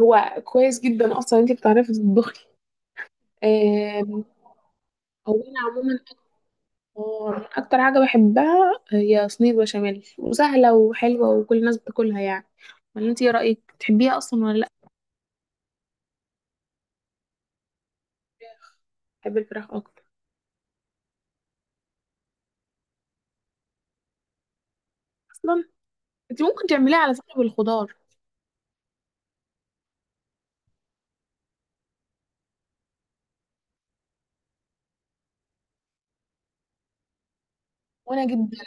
هو كويس جدا اصلا انت بتعرفي تطبخي. آم، هو انا عموما، اكتر حاجه بحبها هي صينيه بشاميل، وسهله وحلوه وكل الناس بتاكلها يعني. ولا انت ايه رايك، تحبيها اصلا ولا لا؟ بحب الفراخ اكتر. اصلا انت ممكن تعمليها على فكره بالخضار. وانا جدا.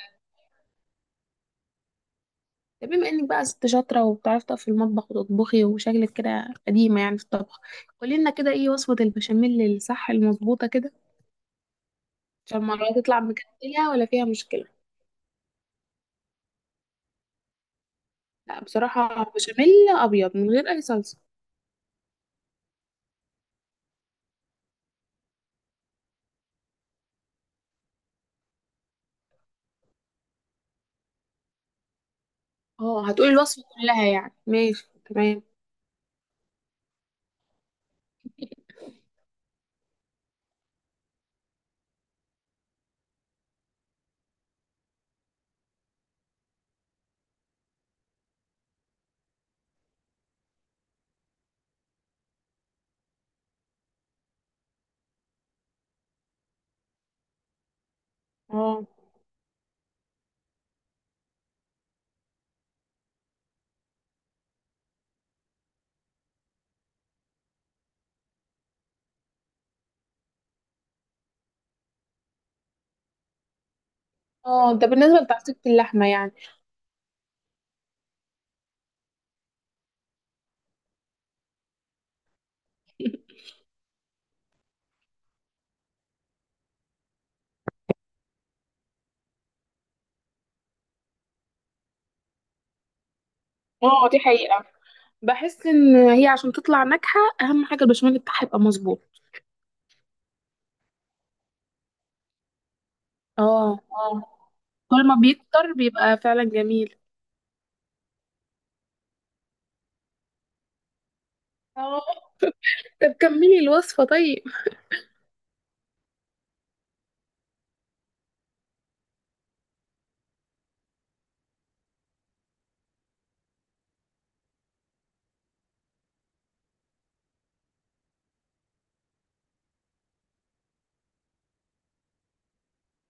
طب بما انك بقى ست شاطره وبتعرفي تقفي في المطبخ وتطبخي، وشكلك كده قديمه يعني في الطبخ، قولي لنا كده ايه وصفه البشاميل الصح المظبوطه كده، عشان المره تطلع مكتله ولا فيها مشكله. لا، بصراحة بشاميل أبيض من غير أي صلصة. اه، هتقولي الوصفة كلها يعني، ماشي تمام. اه، اه، ده بالنسبة لتعصيبة اللحمة يعني. اه، دي حقيقة. بحس إن هي عشان تطلع ناجحة أهم حاجة البشاميل بتاعها يبقى مظبوط. اه، اه، كل ما بيكتر بيبقى فعلا جميل. اه، طب كملي الوصفة طيب.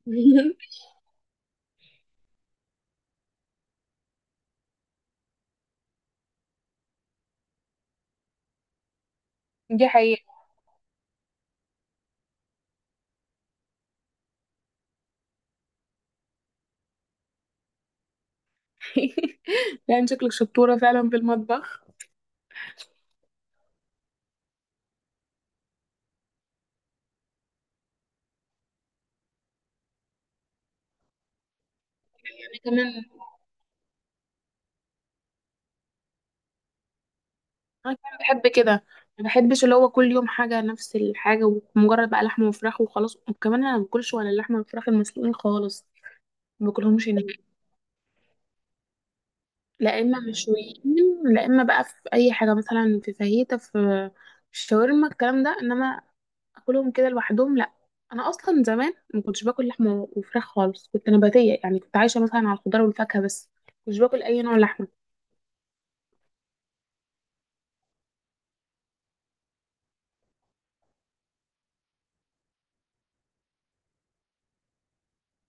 دي حقيقة. يعني شكلك شطورة فعلا في المطبخ. أنا كمان بحب كده. ما بحبش اللي هو كل يوم حاجه نفس الحاجه، ومجرد بقى لحمه وفراخ وخلاص. وكمان انا ما باكلش ولا اللحمه والفراخ المسلوقين خالص، ما باكلهمش هناك. لا اما مشويين، لا اما بقى في اي حاجه مثلا، في فاهيتا، في الشاورما الكلام ده، انما اكلهم كده لوحدهم لا. انا اصلا زمان ما كنتش باكل لحمه وفراخ خالص، كنت نباتيه يعني، كنت عايشه مثلا على الخضار والفاكهه بس، مش باكل اي نوع لحمه.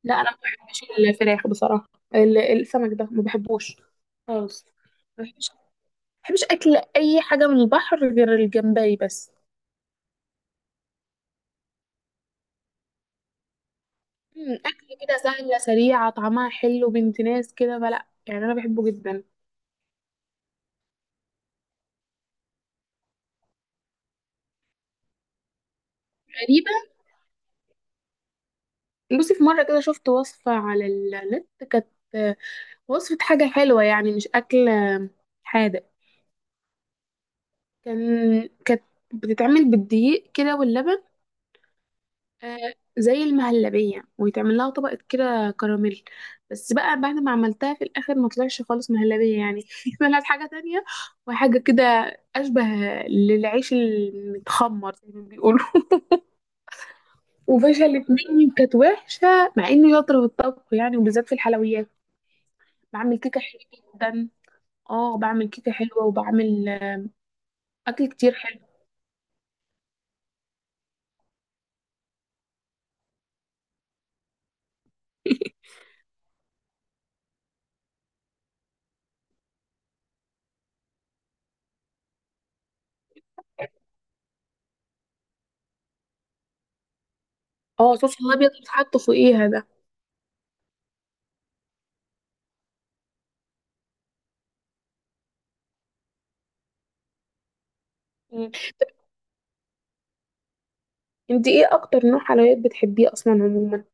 لا انا ما بحبش الفراخ بصراحه. السمك ده ما بحبوش خالص. ما بحبش اكل اي حاجه من البحر غير الجمبري بس. اكل كده سهله سريعه، طعمها حلو بنت ناس كده، فلا يعني انا بحبه جدا. غريبه، بصي في مره كده شفت وصفه على النت كانت. آه، وصفه حاجه حلوه يعني، مش اكل. حادق. كان كانت بتتعمل بالدقيق كده واللبن. زي المهلبية، ويتعمل لها طبقة كده كراميل. بس بقى بعد ما عملتها في الآخر ما طلعش خالص مهلبية يعني. طلعت حاجة تانية، وحاجة كده أشبه للعيش المتخمر زي ما بيقولوا. وفشلت مني، كانت وحشة، مع إني شاطرة في الطبخ يعني، وبالذات في الحلويات. بعمل كيكة حلوة جدا. اه بعمل كيكة حلوة، وبعمل أكل كتير حلو. اه، صوص الأبيض اللي بيتحط فوقيها ده. مم. انت ايه اكتر نوع حلويات بتحبيه اصلا عموما؟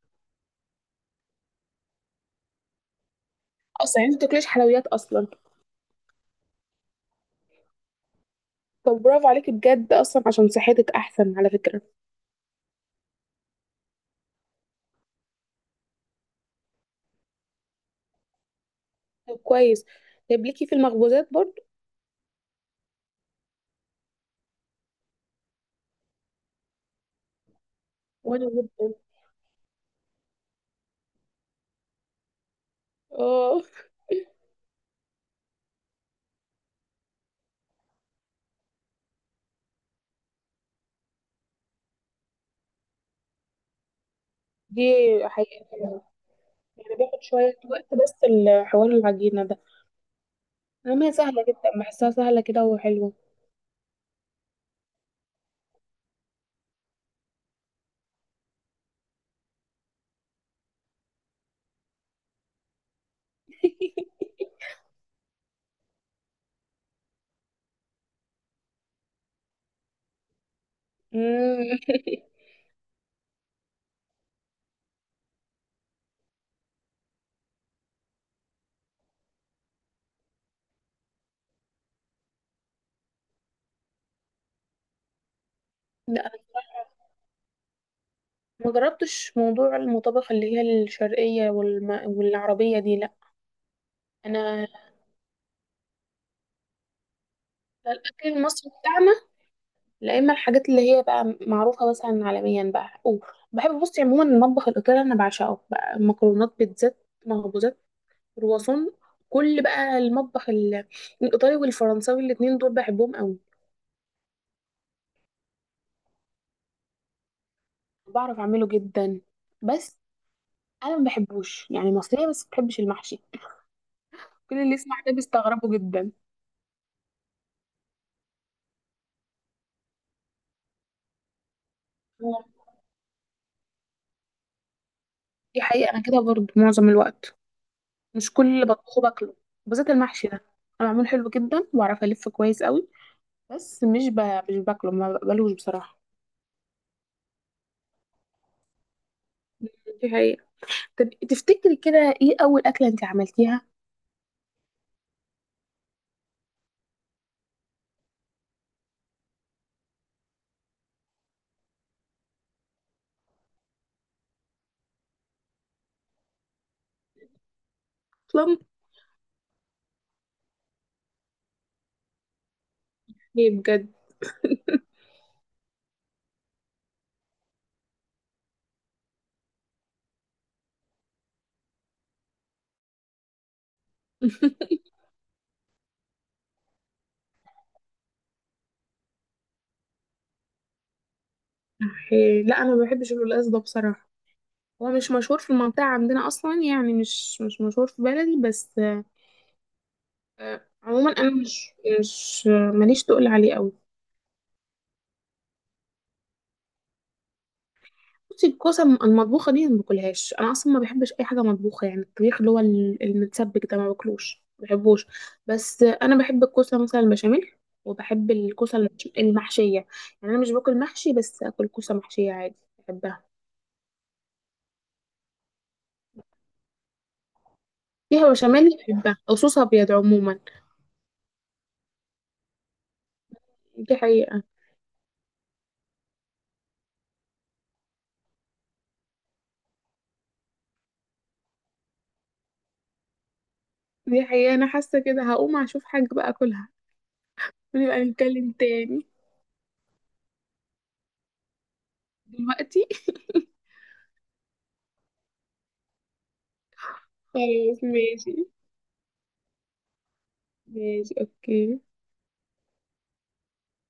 اصلا انت بتاكليش حلويات اصلا؟ طب برافو عليكي بجد، اصلا عشان صحتك احسن على فكره. طب كويس، طب ليكي في المخبوزات برضو. وانا جدا. اه، دي حقيقه، يعني بياخد شويه وقت بس الحوار العجينه ده. اما هي سهله جدا، بحسها سهله كده وحلوه. مم. لا، أنا ما جربتش موضوع المطابخ اللي هي الشرقيه والعربيه دي لا. انا الاكل المصري بتاعنا، لا اما الحاجات اللي هي بقى معروفه مثلا عالميا بقى. وبحب بصي عموما المطبخ الايطالي انا بعشقه بقى، مكرونات، بيتزات، مخبوزات، كرواسون، كل بقى المطبخ الايطالي والفرنساوي، الاتنين دول بحبهم قوي. بعرف اعمله جدا. بس انا ما بحبوش يعني، مصريه بس ما بحبش المحشي. كل اللي يسمع ده بيستغربوا جدا. هو دي حقيقه، انا كده برضه معظم الوقت مش كل اللي بطبخه باكله. بالذات المحشي ده، انا بعمله حلو جدا وبعرف الف كويس قوي، بس مش ب... مش باكله، ما بقبلوش بصراحه. دي حقيقة. طب تفتكري كده ايه أول أكلة انت عملتيها؟ أصلا؟ ايه بجد. إيه، لا أنا ما بحبش القلقاس ده بصراحة. هو مش مشهور في المنطقة عندنا أصلا يعني، مش مشهور في بلدي بس. عموما أنا مش مش آه، ماليش تقول عليه أوي. بصي الكوسة المطبوخة دي ما باكلهاش، انا اصلا ما بحبش اي حاجة مطبوخة، يعني الطبيخ اللي هو المتسبك ده ما باكلوش، ما بحبوش. بس انا بحب الكوسة مثلا البشاميل، وبحب الكوسة المحشية. يعني انا مش باكل محشي، بس اكل كوسة محشية عادي بحبها. فيها بشاميل بحبها، او صوص ابيض عموما. دي حقيقة. دي حقيقة، انا حاسة كده هقوم اشوف حاجة بقى اكلها، ونبقى نتكلم تاني. دلوقتي. خلاص ماشي. ماشي، اوكي.